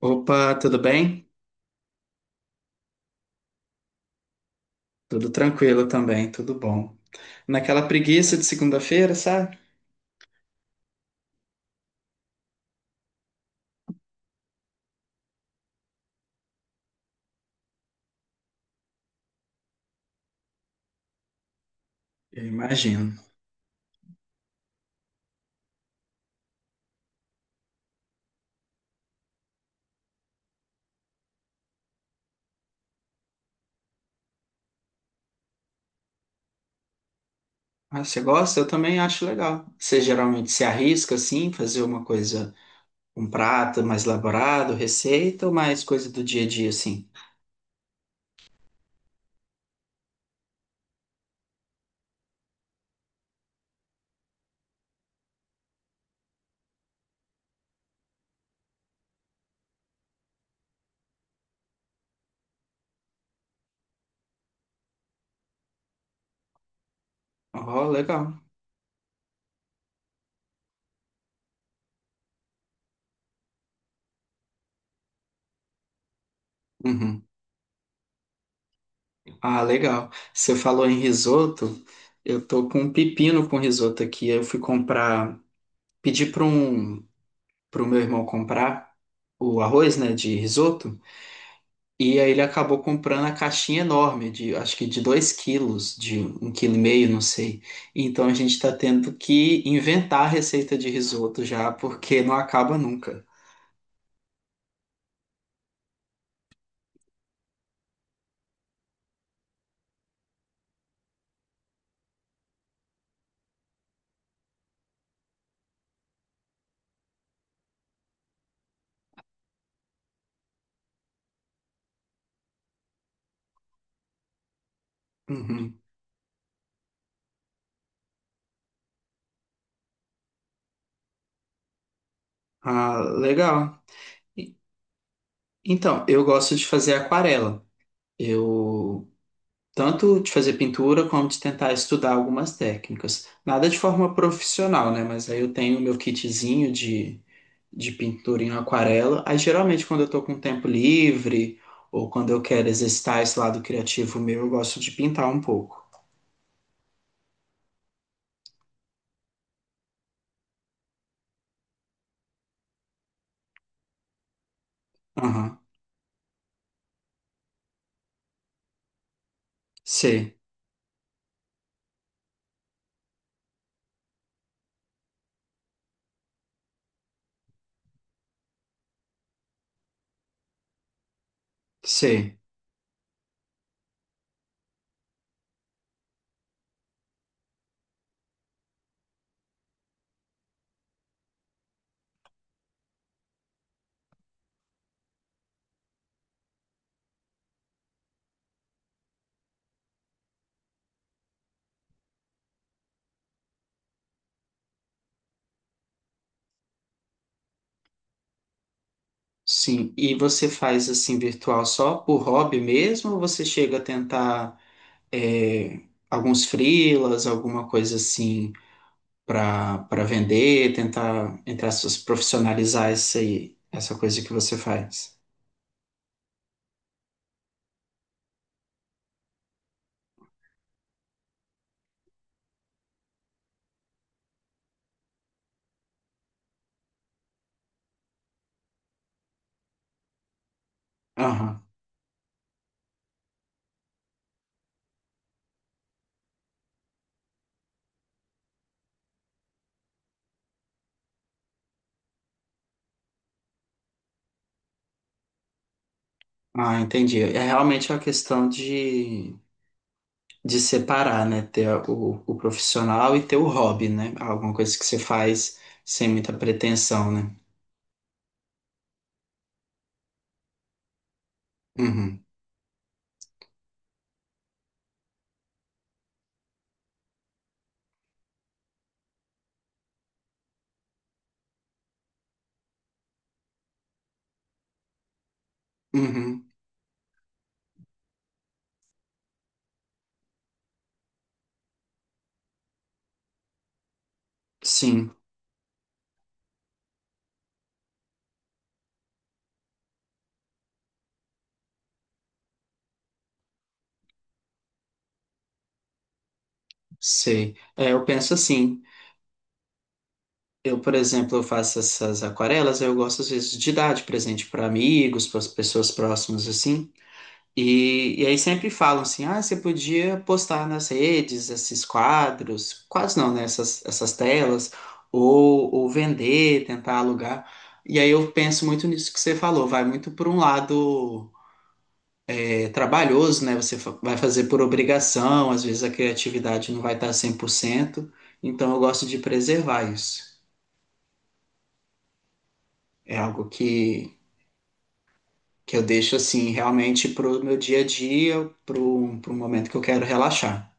Opa, tudo bem? Tudo tranquilo também, tudo bom. Naquela preguiça de segunda-feira, sabe? Eu imagino. Ah, você gosta? Eu também acho legal. Você geralmente se arrisca assim, fazer uma coisa, um prato mais elaborado, receita ou mais coisa do dia a dia assim? Oh, legal. Uhum. Ah, legal. Você falou em risoto. Eu tô com um pepino com risoto aqui. Eu fui comprar, pedi para um, para o meu irmão comprar o arroz, né, de risoto. E aí ele acabou comprando a caixinha enorme, de acho que de 2 quilos, de 1,5 quilo, não sei. Então a gente está tendo que inventar a receita de risoto já, porque não acaba nunca. Uhum. Ah, legal. E- Então, eu gosto de fazer aquarela. Eu tanto de fazer pintura como de tentar estudar algumas técnicas. Nada de forma profissional, né? Mas aí eu tenho o meu kitzinho de pintura em aquarela. Aí geralmente quando eu tô com tempo livre ou quando eu quero exercitar esse lado criativo meu, eu gosto de pintar um pouco. Aham. Sei, sei. Sim. E você faz assim virtual só por hobby mesmo ou você chega a tentar é, alguns freelas, alguma coisa assim para vender, tentar entre aspas profissionalizar isso aí, essa coisa que você faz? Aham. Ah, entendi. É realmente é uma questão de separar, né? Ter o profissional e ter o hobby, né? Alguma coisa que você faz sem muita pretensão, né? Uhum, uhum, sim, sei. É, eu penso assim. Eu, por exemplo, eu faço essas aquarelas, eu gosto às vezes de dar de presente para amigos, para as pessoas próximas, assim. E aí sempre falam assim, ah, você podia postar nas redes esses quadros, quase não, né? Essas telas, ou vender, tentar alugar. E aí eu penso muito nisso que você falou, vai muito por um lado trabalhoso, né? Vai fazer por obrigação, às vezes a criatividade não vai estar 100%. Então eu gosto de preservar isso. É algo que eu deixo assim, realmente pro meu dia a dia, pro momento que eu quero relaxar.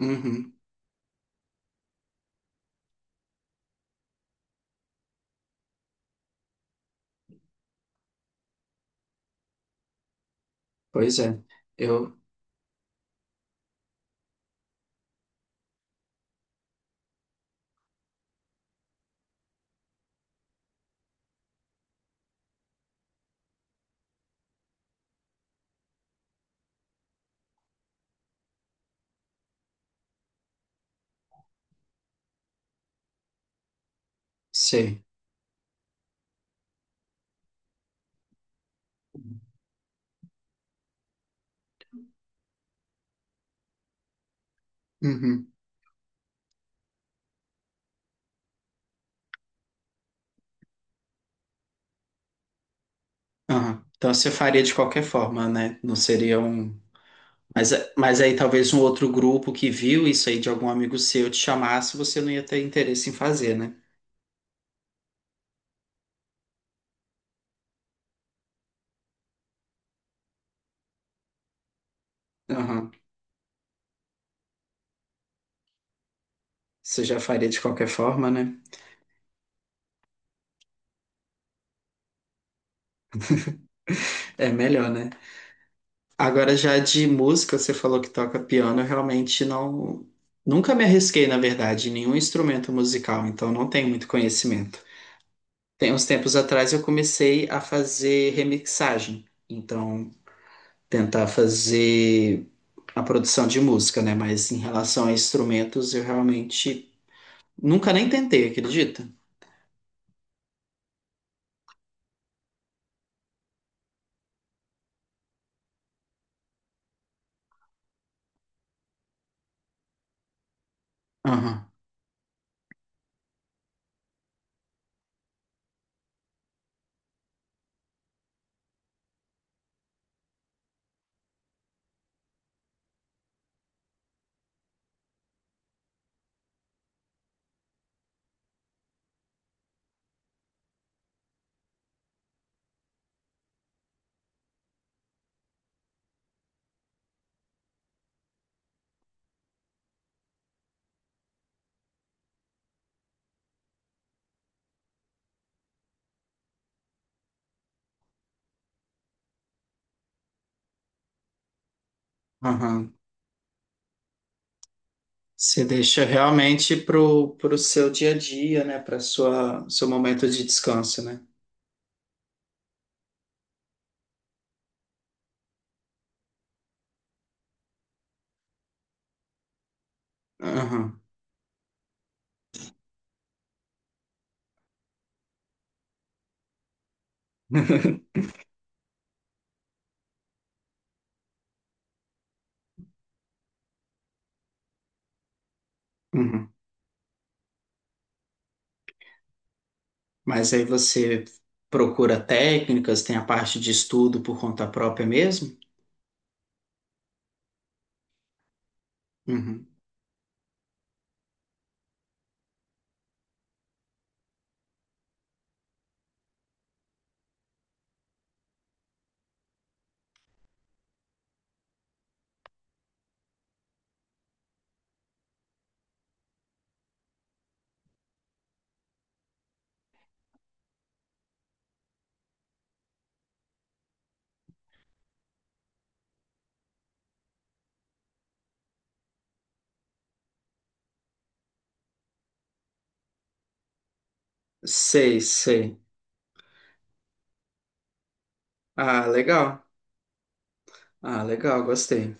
Uhum. Pois é, eu sei. Uhum. Aham. Então você faria de qualquer forma, né? Não seria um. Mas, é, mas aí talvez um outro grupo que viu isso aí de algum amigo seu te chamasse, você não ia ter interesse em fazer, né? Aham. Você já faria de qualquer forma, né? É melhor, né? Agora já de música, você falou que toca piano, eu realmente não. Nunca me arrisquei, na verdade, em nenhum instrumento musical, então não tenho muito conhecimento. Tem uns tempos atrás eu comecei a fazer remixagem. Então, tentar fazer a produção de música, né? Mas em relação a instrumentos, eu realmente nunca nem tentei, acredita? Aham, aham. Você deixa realmente pro seu dia a dia, né? Para sua seu momento de descanso, né? Aham. Uhum. Mas aí você procura técnicas, tem a parte de estudo por conta própria mesmo? Uhum. Sei, sei. Ah, legal. Ah, legal, gostei.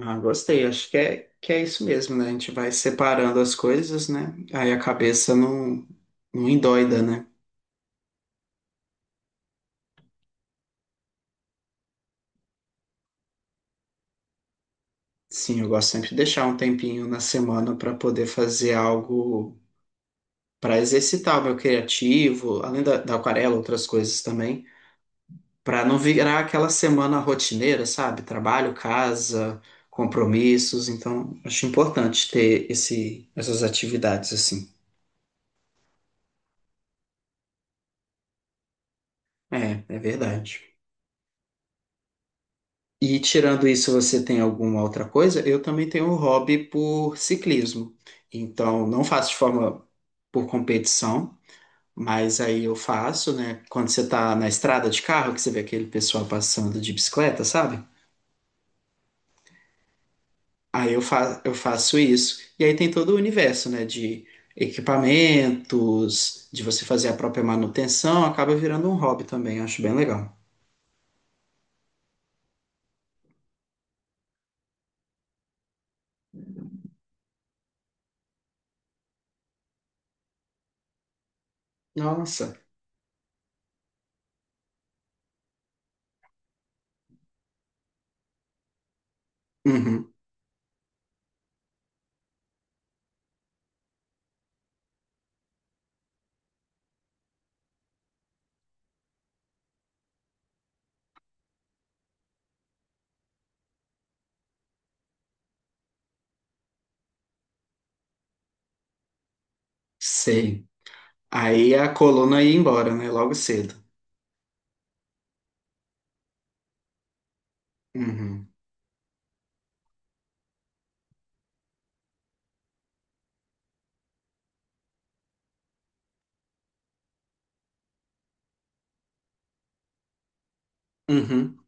Ah, gostei. Acho que é isso mesmo, né? A gente vai separando as coisas, né? Aí a cabeça não, não endoida, né? Sim, eu gosto sempre de deixar um tempinho na semana para poder fazer algo para exercitar o meu criativo, além da aquarela, outras coisas também, para não virar aquela semana rotineira, sabe? Trabalho, casa, compromissos. Então, acho importante ter essas atividades assim. É, é verdade. E tirando isso, você tem alguma outra coisa? Eu também tenho um hobby por ciclismo. Então, não faço de forma por competição, mas aí eu faço, né? Quando você tá na estrada de carro, que você vê aquele pessoal passando de bicicleta, sabe? Aí eu faço isso. E aí tem todo o universo, né? De equipamentos, de você fazer a própria manutenção, acaba virando um hobby também. Eu acho bem legal. Nossa. Uhum. Sei. Aí a coluna ia embora, né? Logo cedo. Uhum. Uhum.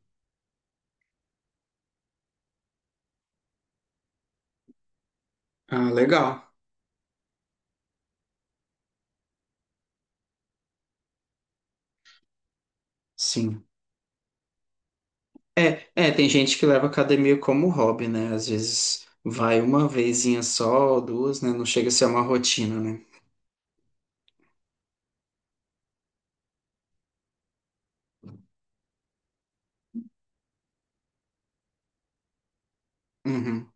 Ah, legal. Sim. É, é, tem gente que leva academia como hobby, né? Às vezes vai uma vezinha só, ou duas, né? Não chega a ser uma rotina, né? Uhum.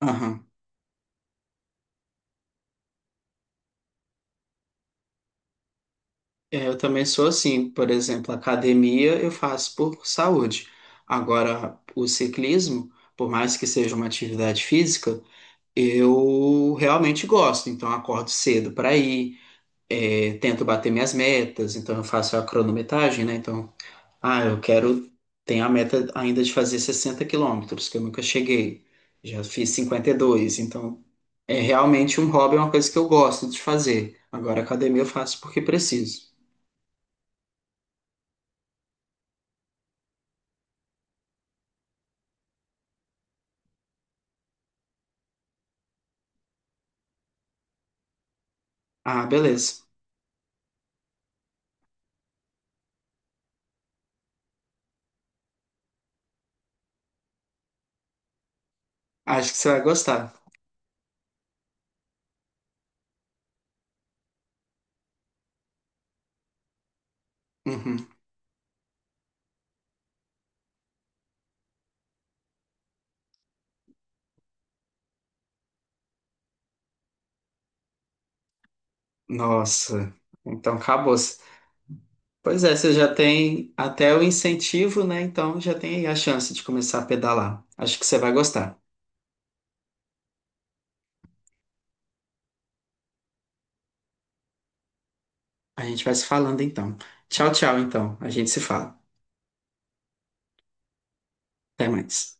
Aham. É, eu também sou assim. Por exemplo, academia eu faço por saúde. Agora, o ciclismo, por mais que seja uma atividade física, eu realmente gosto. Então, eu acordo cedo para ir, é, tento bater minhas metas. Então, eu faço a cronometragem, né? Então, Ah, eu quero. Tenho a meta ainda de fazer 60 quilômetros, que eu nunca cheguei. Já fiz 52, então é realmente um hobby, é uma coisa que eu gosto de fazer. Agora, academia eu faço porque preciso. Ah, beleza. Acho que você vai gostar. Uhum. Nossa, então acabou. Pois é, você já tem até o incentivo, né? Então já tem aí a chance de começar a pedalar. Acho que você vai gostar. A gente vai se falando então. Tchau, tchau, então. A gente se fala. Até mais.